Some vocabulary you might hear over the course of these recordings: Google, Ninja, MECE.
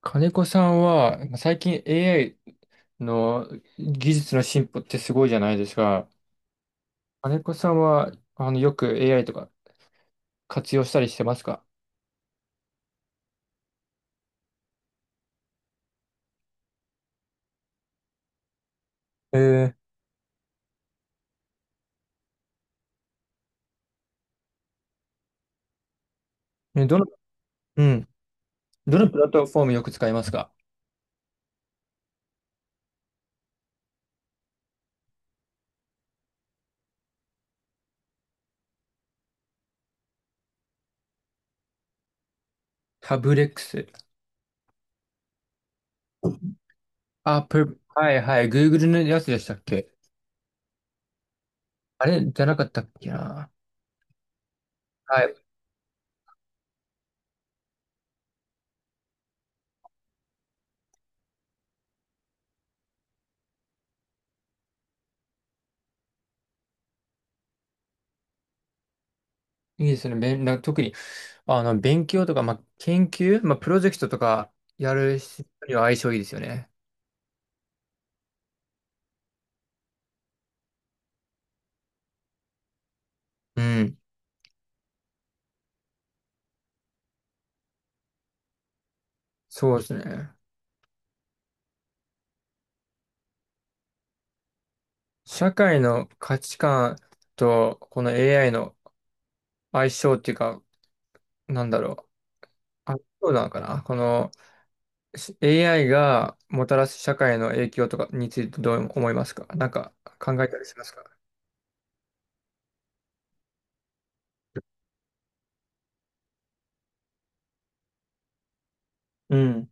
金子さんは、最近 AI の技術の進歩ってすごいじゃないですか。金子さんは、よく AI とか活用したりしてますか？ええ。うん。どのプラットフォームよく使いますか？タブレックス。あ、はいはい。Google のやつでしたっけ？あれじゃなかったっけな。はい。いいですね。べんな特に、勉強とか、まあ、研究、まあ、プロジェクトとかやる人には相性いいですよね。うん。そうですね。社会の価値観とこの AI の相性っていうか、なんだろう。あ、そうなのかな。このAI がもたらす社会の影響とかについてどう思いますか？なんか考えたりしますか？うん。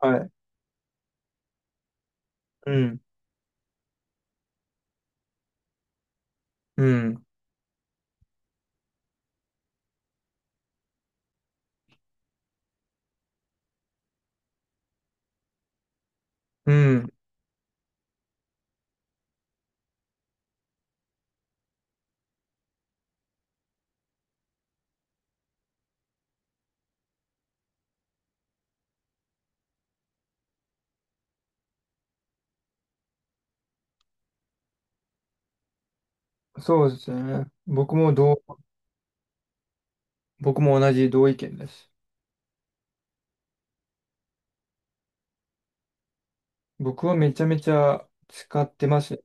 はい。うん。うん。うん。そうですね。僕も同じ同意見です。僕はめちゃめちゃ使ってます。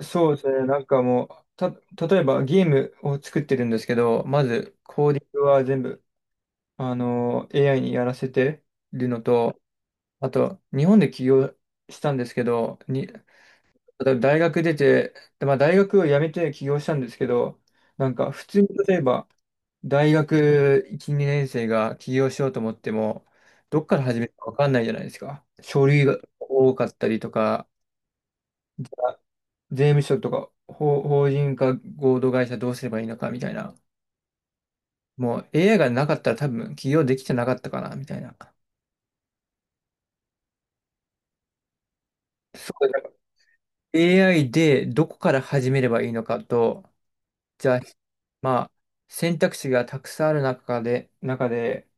そうですね。なんかもう、た、例えばゲームを作ってるんですけど、まずコーディングは全部AI にやらせてるのと、あと、日本で起業したんですけど、例えば大学出て、でまあ、大学を辞めて起業したんですけど、なんか普通に例えば、大学1、2年生が起業しようと思っても、どっから始めるか分かんないじゃないですか。書類が多かったりとか、税務署とか、法人化合同会社どうすればいいのかみたいな。もう AI がなかったら多分起業できてなかったかな、みたいな。そう、 AI でどこから始めればいいのかと、じゃあ、まあ、選択肢がたくさんある中で、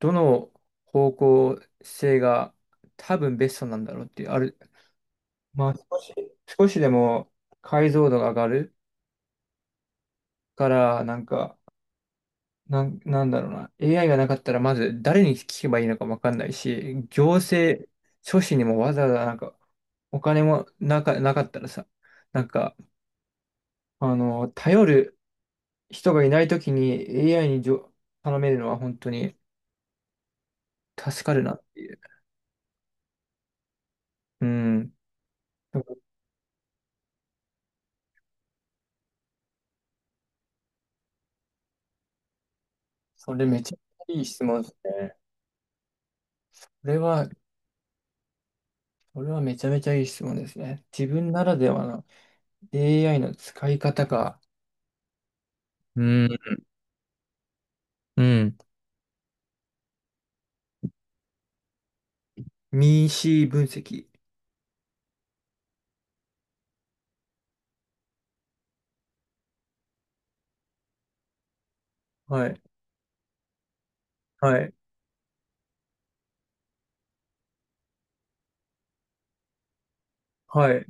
どの方向性が多分ベストなんだろうっていう、まあ、少しでも解像度が上がるから、なんか、なんだろうな、AI がなかったら、まず誰に聞けばいいのかわかんないし、行政書士にもわざわざなんか、お金もなかったらさ、なんか、頼る人がいないときに AI に頼めるのは本当に助かるなっていう。うん。だからそれめちゃめちゃいい質問ですね。これは、これはめちゃめちゃいい質問ですね。自分ならではの AI の使い方か。うん。うん。ミーシー分析。はい。はい。はい。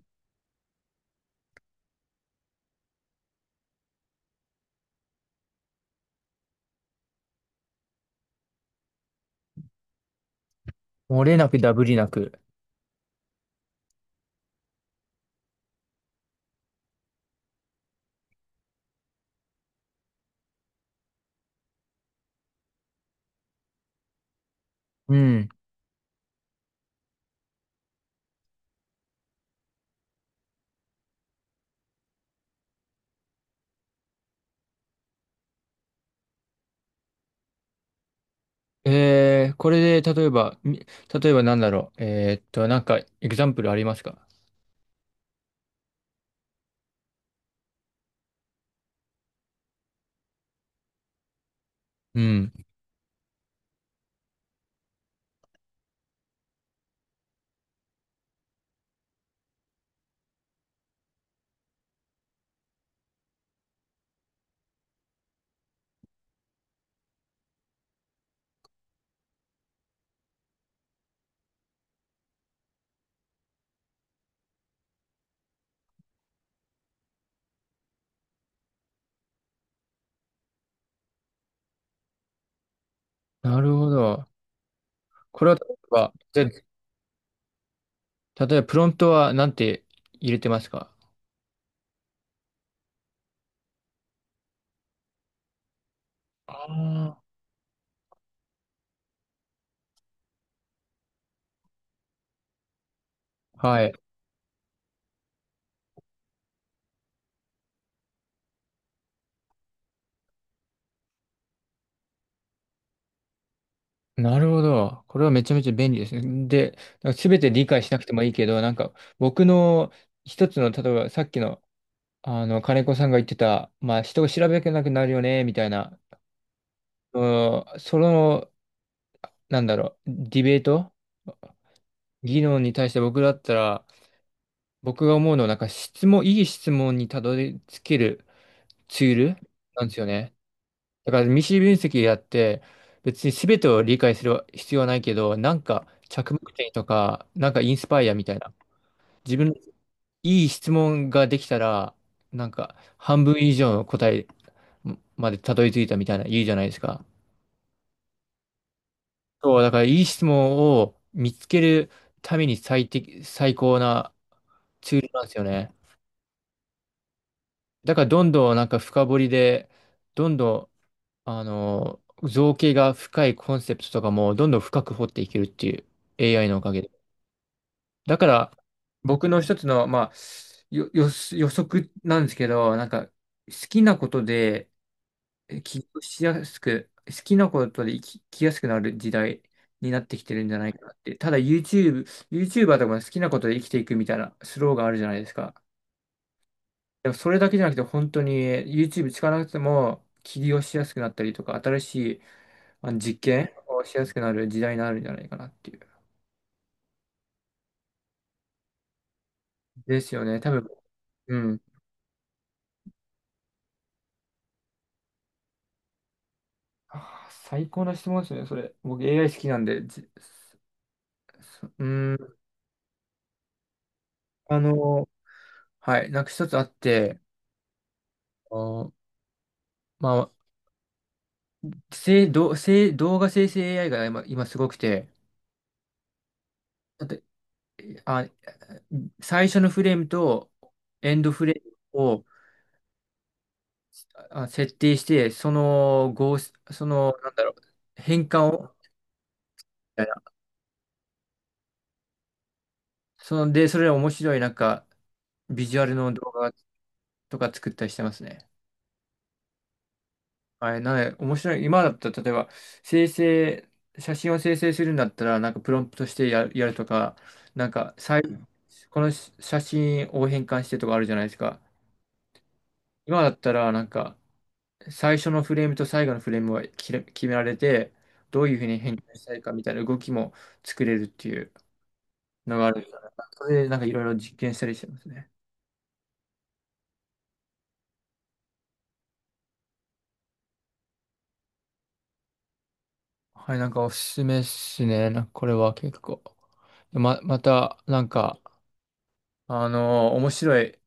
漏れなくダブりなく。うん。これで、例えば、例えばなんだろう。なんか、エグザンプルありますか？うん。なるほど。これは、例えば、じゃあ、例えばプロントはなんて入れてますか？ああ、はい。なるほど。これはめちゃめちゃ便利ですね。で、なんか全て理解しなくてもいいけど、なんか僕の一つの、例えばさっきの、金子さんが言ってた、まあ人を調べなくなるよね、みたいな、うんその、なんだろう、ディベート議論に対して僕だったら、僕が思うのは、なんかいい質問にたどり着けるツールなんですよね。だから未知分析やって別に全てを理解する必要はないけどなんか着目点とかなんかインスパイアみたいな自分のいい質問ができたらなんか半分以上の答えまでたどり着いたみたいな言うじゃないですか。そうだからいい質問を見つけるために最適、最高なツールなんですよね。だからどんどんなんか深掘りでどんどん造形が深いコンセプトとかもどんどん深く掘っていけるっていう AI のおかげで。だから、僕の一つの、まあ、予測なんですけど、なんか、好きなことで起業しやすく、好きなことで生きやすくなる時代になってきてるんじゃないかなって。ただ YouTube、YouTuber とかも好きなことで生きていくみたいなスローがあるじゃないですか。でもそれだけじゃなくて、本当に YouTube 使わなくても起業しやすくなったりとか、新しい実験をしやすくなる時代になるんじゃないかなっていう。ですよね。多分、うん。最高な質問ですね、それ。僕 AI 好きなんで、じそそうーん、あの、はい、なんか一つあって、あのまあ、せい、ど、せい、動画生成 AI が今、すごくて、だって、あ、最初のフレームとエンドフレームを設定して、その合、その、なんだろう、変換を、みたいなその、で、それで面白い、なんか、ビジュアルの動画とか作ったりしてますね。はい、なので、面白い。今だったら、例えば、生成、写真を生成するんだったら、なんかプロンプトしてやるとか、なんか、この写真を変換してとかあるじゃないですか。今だったら、なんか、最初のフレームと最後のフレームは決められて、どういうふうに変換したいかみたいな動きも作れるっていうのがあるんで。それで、なんかいろいろ実験したりしてますね。はい、なんかおすすめっすね。なんかこれは結構。また、なんか、面白い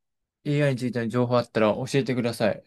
AI についての情報あったら教えてください。